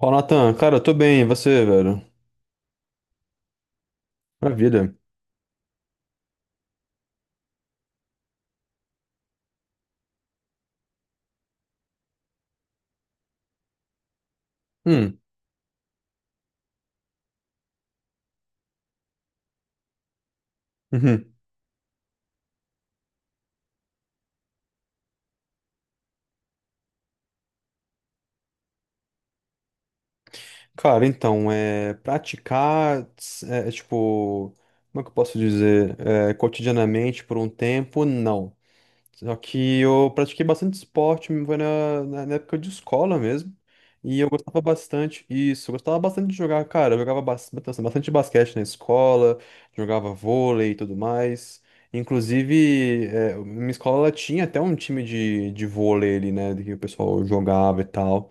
Fala, Natan. Cara, eu tô bem. E você, velho? Maravilha. Hum. Uhum. Cara, então, praticar, tipo, como é que eu posso dizer? Cotidianamente por um tempo, não. Só que eu pratiquei bastante esporte, foi na época de escola mesmo. E eu gostava bastante, isso, eu gostava bastante de jogar, cara. Eu jogava bastante basquete na escola, jogava vôlei e tudo mais. Inclusive, minha escola ela tinha até um time de vôlei ali, né? Que o pessoal jogava e tal.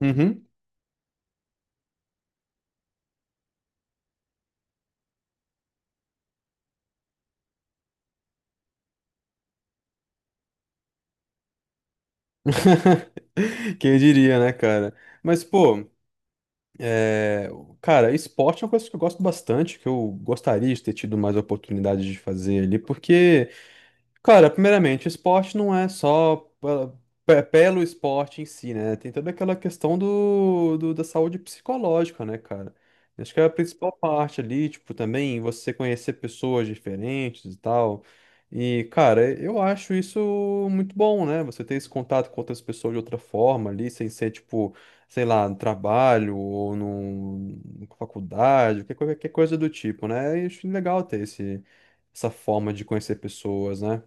Uhum. Quem diria, né, cara? Mas, pô. É, Cara, esporte é uma coisa que eu gosto bastante, que eu gostaria de ter tido mais oportunidade de fazer ali, porque. Cara, primeiramente, o esporte não é só pelo esporte em si, né? Tem toda aquela questão da saúde psicológica, né, cara? Acho que é a principal parte ali, tipo, também você conhecer pessoas diferentes e tal. E, cara, eu acho isso muito bom, né? Você ter esse contato com outras pessoas de outra forma ali, sem ser, tipo, sei lá, no trabalho ou numa faculdade, qualquer coisa do tipo, né? E acho legal ter essa forma de conhecer pessoas, né?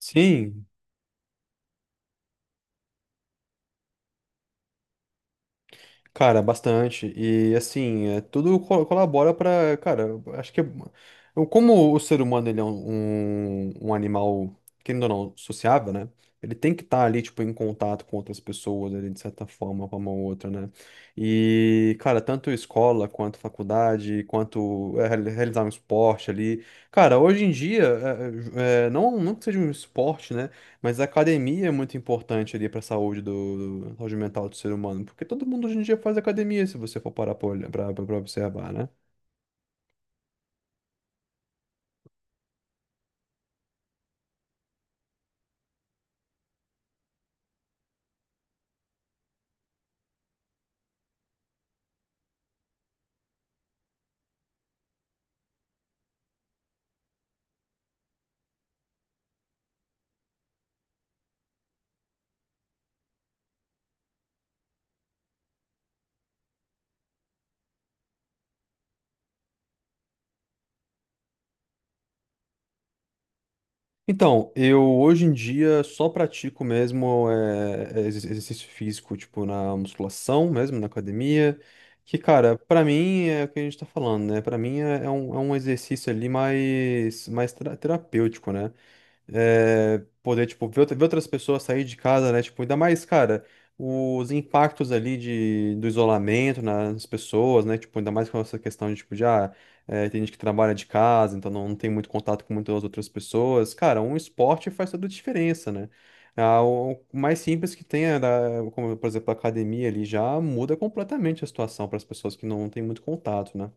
Sim, cara, bastante. E assim, é, tudo colabora pra. Cara, eu acho que é, como o ser humano ele é um animal, querendo ou não, sociável, né? Ele tem que estar ali, tipo, em contato com outras pessoas, ali, de certa forma, com uma ou outra, né? E, cara, tanto escola quanto faculdade, quanto é, realizar um esporte ali. Cara, hoje em dia, não, não que seja um esporte, né? Mas a academia é muito importante ali para a saúde saúde mental do ser humano, porque todo mundo hoje em dia faz academia, se você for parar para observar, né? Então, eu hoje em dia só pratico mesmo é, exercício físico, tipo na musculação mesmo, na academia, que, cara, para mim é o que a gente tá falando, né? Para mim é, é um exercício ali mais, mais terapêutico, né? É, poder, tipo, ver, ver outras pessoas sair de casa, né? Tipo, ainda mais, cara, os impactos ali de, do isolamento nas pessoas, né? Tipo, ainda mais com essa questão de, tipo, já tem gente que trabalha de casa, então não tem muito contato com muitas outras pessoas. Cara, um esporte faz toda a diferença, né? Ah, o mais simples que tem, é como, por exemplo, a academia ali, já muda completamente a situação para as pessoas que não têm muito contato, né?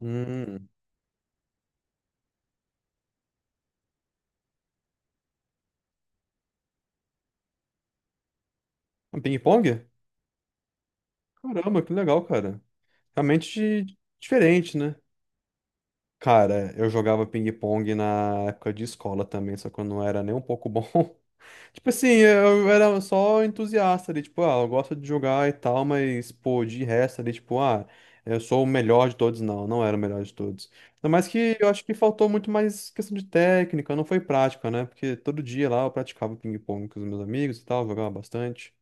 Hum, um ping-pong? Caramba, que legal, cara. Realmente diferente, né? Cara, eu jogava ping-pong na época de escola também, só que eu não era nem um pouco bom. Tipo assim, eu era só entusiasta ali, tipo, ah, eu gosto de jogar e tal, mas, pô, de resto ali, tipo, ah, eu sou o melhor de todos. Não, não era o melhor de todos. Ainda mais que eu acho que faltou muito mais questão de técnica, não foi prática, né? Porque todo dia lá eu praticava ping-pong com os meus amigos e tal, jogava bastante.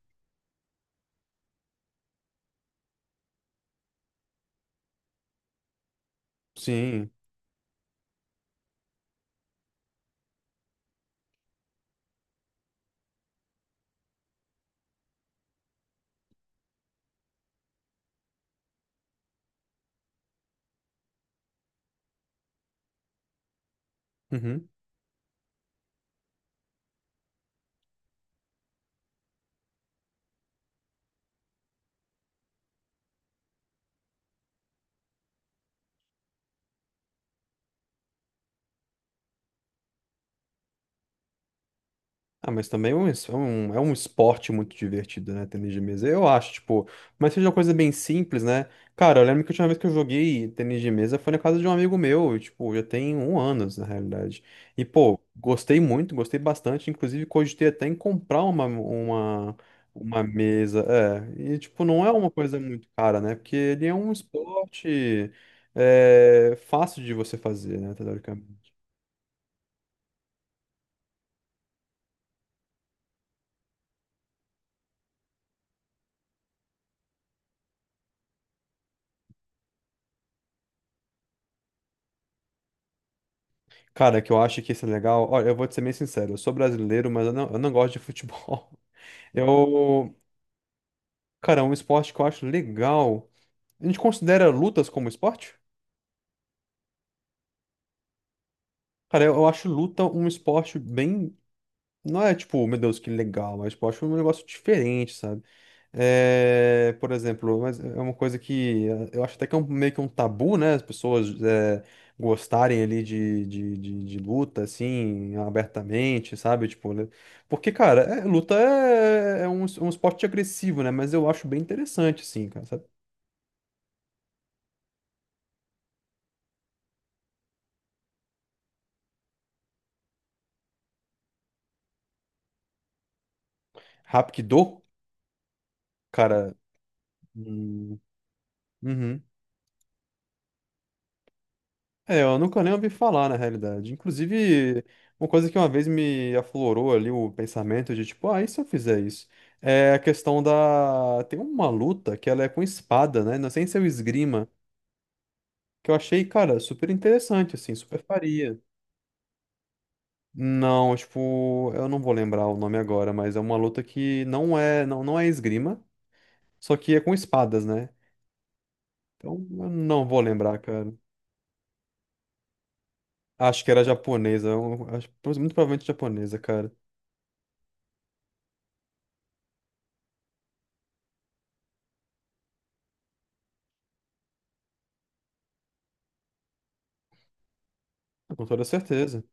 Sim. Uhum. Ah, mas também é é é um esporte muito divertido, né? Tênis de mesa, eu acho, tipo. Mas seja uma coisa bem simples, né? Cara, eu lembro que a última vez que eu joguei tênis de mesa foi na casa de um amigo meu, e, tipo, já tem um ano, na realidade. E, pô, gostei muito, gostei bastante. Inclusive, cogitei até em comprar uma mesa. É, e, tipo, não é uma coisa muito cara, né? Porque ele é um esporte é, fácil de você fazer, né? Teoricamente. Cara, que eu acho que isso é legal. Olha, eu vou te ser bem sincero, eu sou brasileiro, mas eu não gosto de futebol. Eu. Cara, é um esporte que eu acho legal. A gente considera lutas como esporte? Cara, eu acho luta um esporte bem. Não é tipo, meu Deus, que legal, mas tipo, eu acho um negócio diferente, sabe? É, por exemplo, mas é uma coisa que eu acho até que é meio que um tabu, né? As pessoas gostarem ali de luta, assim, abertamente, sabe? Tipo, né? Porque, cara, luta é, um esporte agressivo, né? Mas eu acho bem interessante, assim, cara, sabe? Hapkido, cara. Hum, uhum. É, eu nunca nem ouvi falar, na realidade. Inclusive, uma coisa que uma vez me aflorou ali o pensamento de, tipo, ah, e se eu fizer isso? É a questão da... Tem uma luta que ela é com espada, né? Não sei se é o esgrima, que eu achei, cara, super interessante, assim, super faria. Não, tipo, eu não vou lembrar o nome agora, mas é uma luta que não é esgrima, só que é com espadas, né? Então, eu não vou lembrar, cara. Acho que era japonesa, muito provavelmente japonesa, cara. Com toda certeza.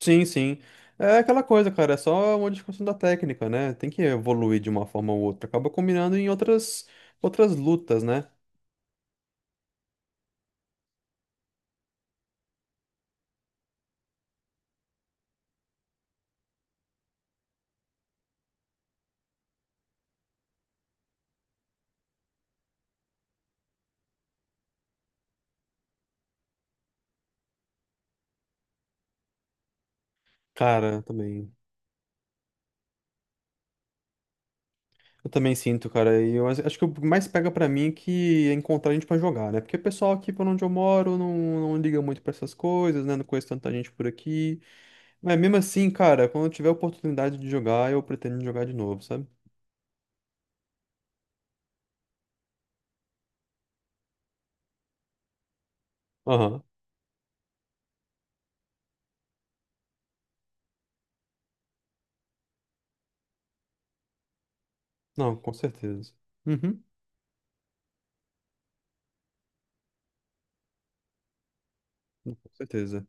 Sim, sim. É aquela coisa, cara, é só uma discussão da técnica, né? Tem que evoluir de uma forma ou outra. Acaba combinando em outras lutas, né? Cara, também. Eu também sinto, cara. E eu acho que o que mais pega pra mim é que é encontrar gente pra jogar, né? Porque o pessoal aqui por onde eu moro não liga muito pra essas coisas, né? Não conheço tanta gente por aqui. Mas mesmo assim, cara, quando eu tiver a oportunidade de jogar, eu pretendo jogar de novo, sabe? Aham. Não, com certeza. Uhum. Com certeza.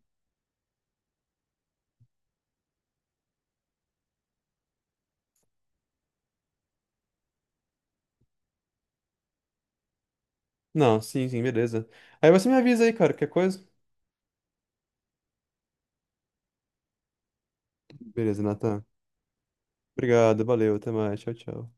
Não, sim, sim, beleza. Aí você me avisa aí, cara, qualquer coisa? Beleza, Natan. Obrigado, valeu, até mais, tchau, tchau.